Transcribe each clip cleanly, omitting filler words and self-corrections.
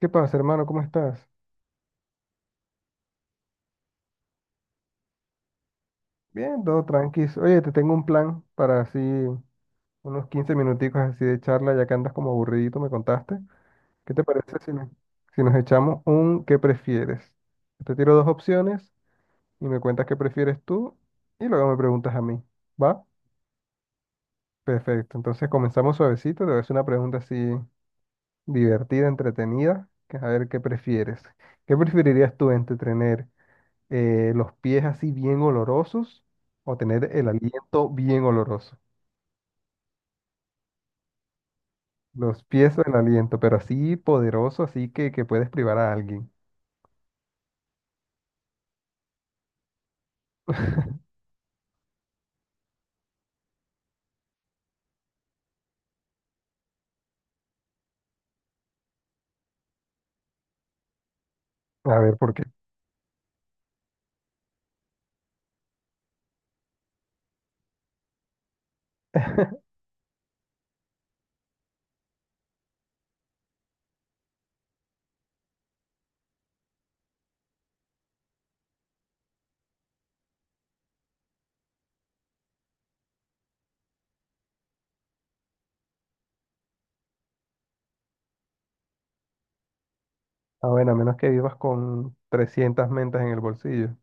¿Qué pasa, hermano? ¿Cómo estás? Bien, todo tranquilo. Oye, te tengo un plan para así unos 15 minuticos así de charla, ya que andas como aburridito, me contaste. ¿Qué te parece si nos echamos un qué prefieres? Te tiro dos opciones y me cuentas qué prefieres tú y luego me preguntas a mí. ¿Va? Perfecto. Entonces comenzamos suavecito. Te voy a hacer una pregunta así divertida, entretenida, que es a ver qué prefieres. ¿Qué preferirías tú entre tener los pies así bien olorosos o tener el aliento bien oloroso? Los pies o el aliento, pero así poderoso, así que puedes privar a alguien. A ver, ¿por qué? Ah, bueno, a menos que vivas con 300 mentas en el bolsillo.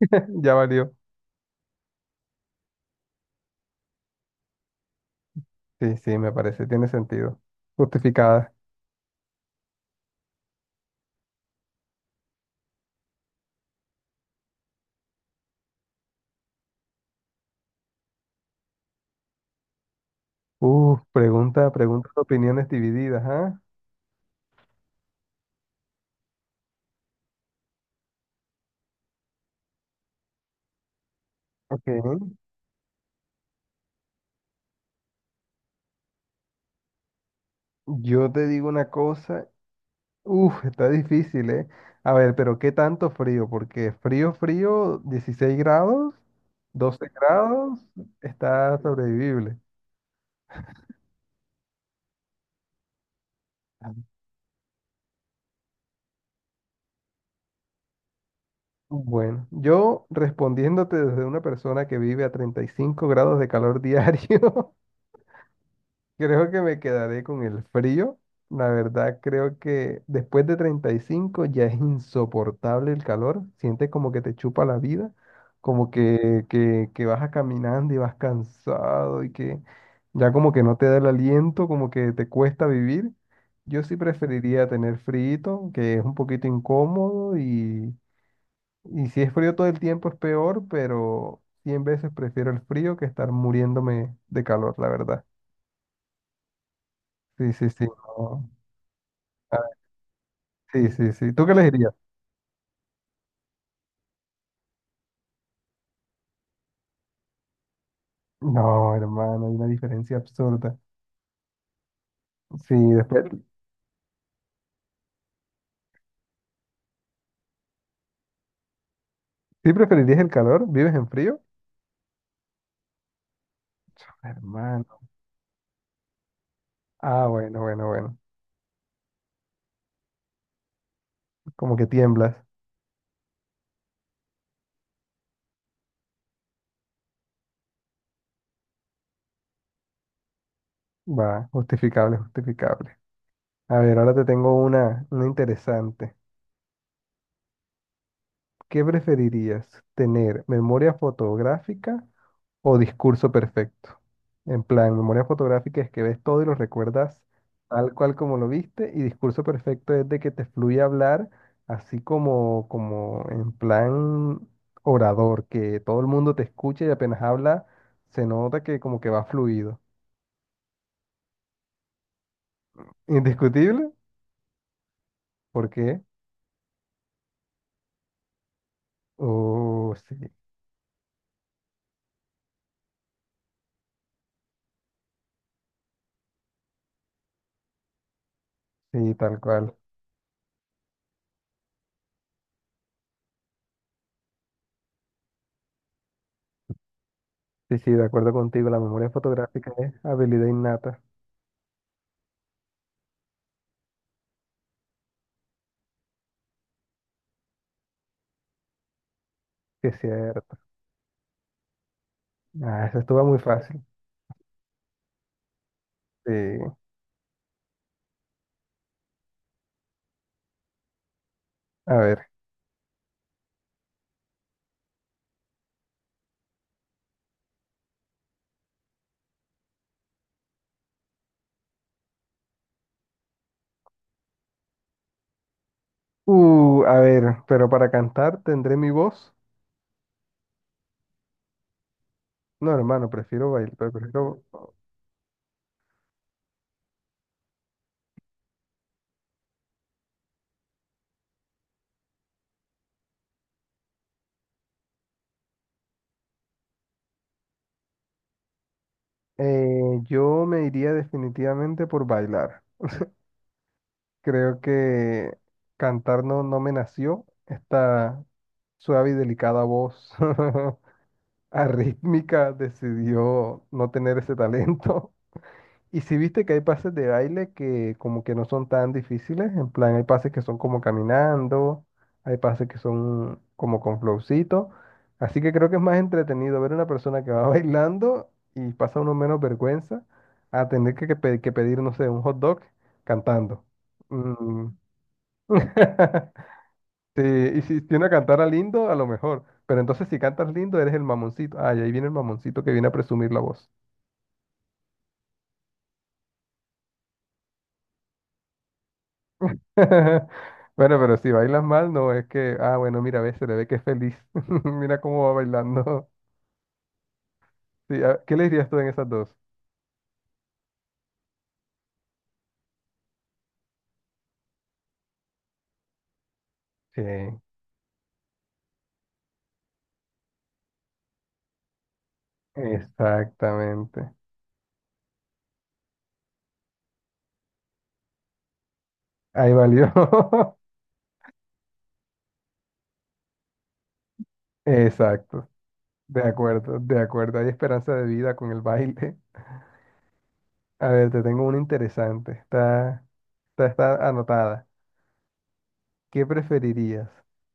Ya valió. Sí, sí, me parece, tiene sentido. Justificada. Preguntas, opiniones divididas, ¿ah? Ok. Yo te digo una cosa. Uf, está difícil, ¿eh? A ver, pero ¿qué tanto frío? Porque frío, frío, 16 grados, 12 grados, está sobrevivible. Bueno, yo respondiéndote desde una persona que vive a 35 grados de calor diario. Creo que me quedaré con el frío. La verdad, creo que después de 35 ya es insoportable el calor. Sientes como que te chupa la vida, como que vas a caminando y vas cansado y que ya como que no te da el aliento, como que te cuesta vivir. Yo sí preferiría tener frío, que es un poquito incómodo y si es frío todo el tiempo es peor, pero 100 veces prefiero el frío que estar muriéndome de calor, la verdad. Sí, sí, sí. No. Ah, sí, sí, sí. ¿Tú qué elegirías? No, hermano, hay una diferencia absurda. Sí, después, ¿sí preferirías el calor? ¿Vives en frío? Hermano. Ah, bueno, bueno, bueno. Como que tiemblas. Va, justificable, justificable. A ver, ahora te tengo una interesante. ¿Qué preferirías? ¿Tener memoria fotográfica o discurso perfecto? En plan, memoria fotográfica es que ves todo y lo recuerdas tal cual como lo viste. Y discurso perfecto es de que te fluye hablar así como, como en plan orador, que todo el mundo te escucha y apenas habla, se nota que como que va fluido. Indiscutible, ¿por qué? Oh, sí, sí, tal cual. Sí, sí, de acuerdo contigo, la memoria fotográfica es habilidad innata, que es cierto. Ah, eso estuvo muy fácil. Sí, a ver. A ver, pero para cantar tendré mi voz. No, hermano, prefiero bailar, prefiero... Eh, yo me iría definitivamente por bailar. Creo que cantar no me nació. Esta suave y delicada voz arrítmica decidió no tener ese talento. Y si viste que hay pases de baile que como que no son tan difíciles, en plan hay pases que son como caminando, hay pases que son como con flowcito, así que creo que es más entretenido ver a una persona que va bailando y pasa uno menos vergüenza a tener que pedir, no sé, un hot dog cantando. Mm. Sí, y si tiene a cantar a lindo, a lo mejor, pero entonces si cantas lindo eres el mamoncito, ay, ahí viene el mamoncito que viene a presumir la voz. Bueno, pero si bailas mal, no es que, ah, bueno, mira, ve, se le ve que es feliz. Mira cómo va bailando. Sí, ah, ¿qué le dirías tú en esas dos? Sí, exactamente. Ahí valió. Exacto. De acuerdo, de acuerdo. Hay esperanza de vida con el baile. A ver, te tengo una interesante. Está, está, está anotada. ¿Qué preferirías?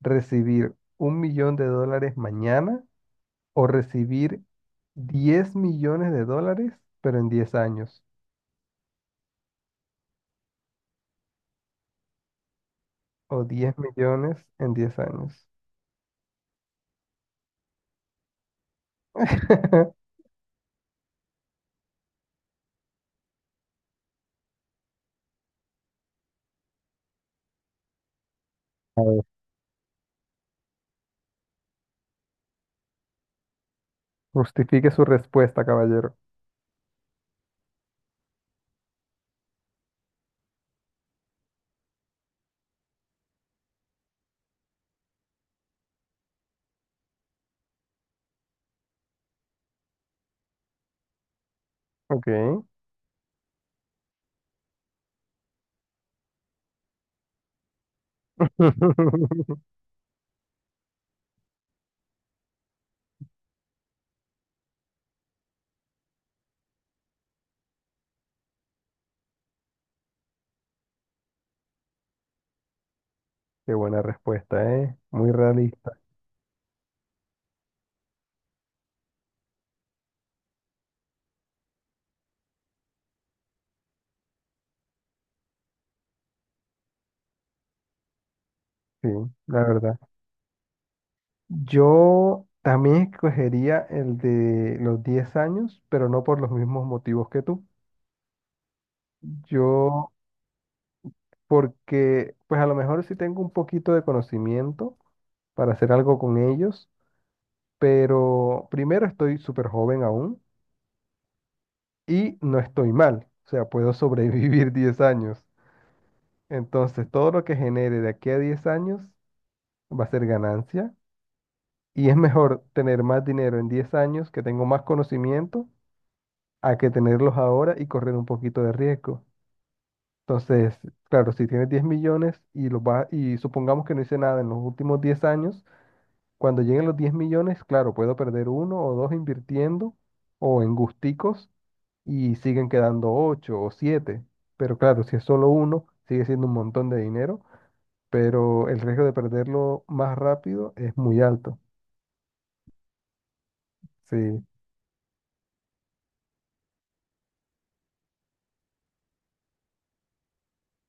¿Recibir 1.000.000 de dólares mañana o recibir 10.000.000 de dólares, pero en 10 años? O 10 millones en 10 años. A ver, justifique su respuesta, caballero. Ok. Qué buena respuesta, ¿eh? Muy realista, sí, la verdad. Yo también escogería el de los 10 años, pero no por los mismos motivos que tú. Yo, porque, pues a lo mejor sí tengo un poquito de conocimiento para hacer algo con ellos, pero primero estoy súper joven aún. Y no estoy mal, o sea, puedo sobrevivir 10 años. Entonces, todo lo que genere de aquí a 10 años va a ser ganancia y es mejor tener más dinero en 10 años que tengo más conocimiento a que tenerlos ahora y correr un poquito de riesgo. Entonces, claro, si tienes 10 millones y y supongamos que no hice nada en los últimos 10 años, cuando lleguen los 10 millones, claro, puedo perder uno o dos invirtiendo o en gusticos y siguen quedando ocho o siete. Pero claro, si es solo uno, sigue siendo un montón de dinero, pero el riesgo de perderlo más rápido es muy alto. Sí.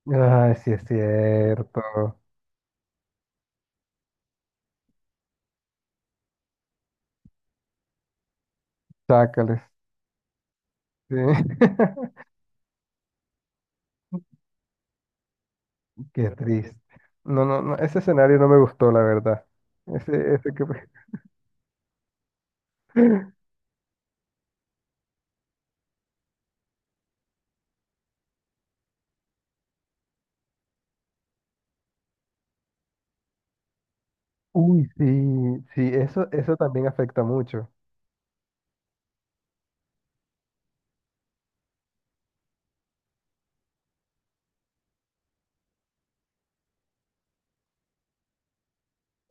Ay, sí es cierto. Chácales. Sí. Qué triste. No, no, no, ese escenario no me gustó, la verdad. Ese que... Uy, sí, sí, eso también afecta mucho.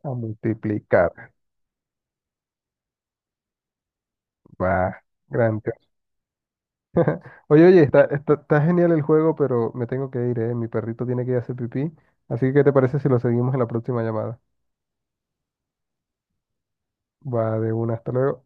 A multiplicar. Va. Gran Dios. Oye, oye, está, está, está genial el juego, pero me tengo que ir, ¿eh? Mi perrito tiene que ir a hacer pipí. Así que, ¿qué te parece si lo seguimos en la próxima llamada? Va de una, hasta luego.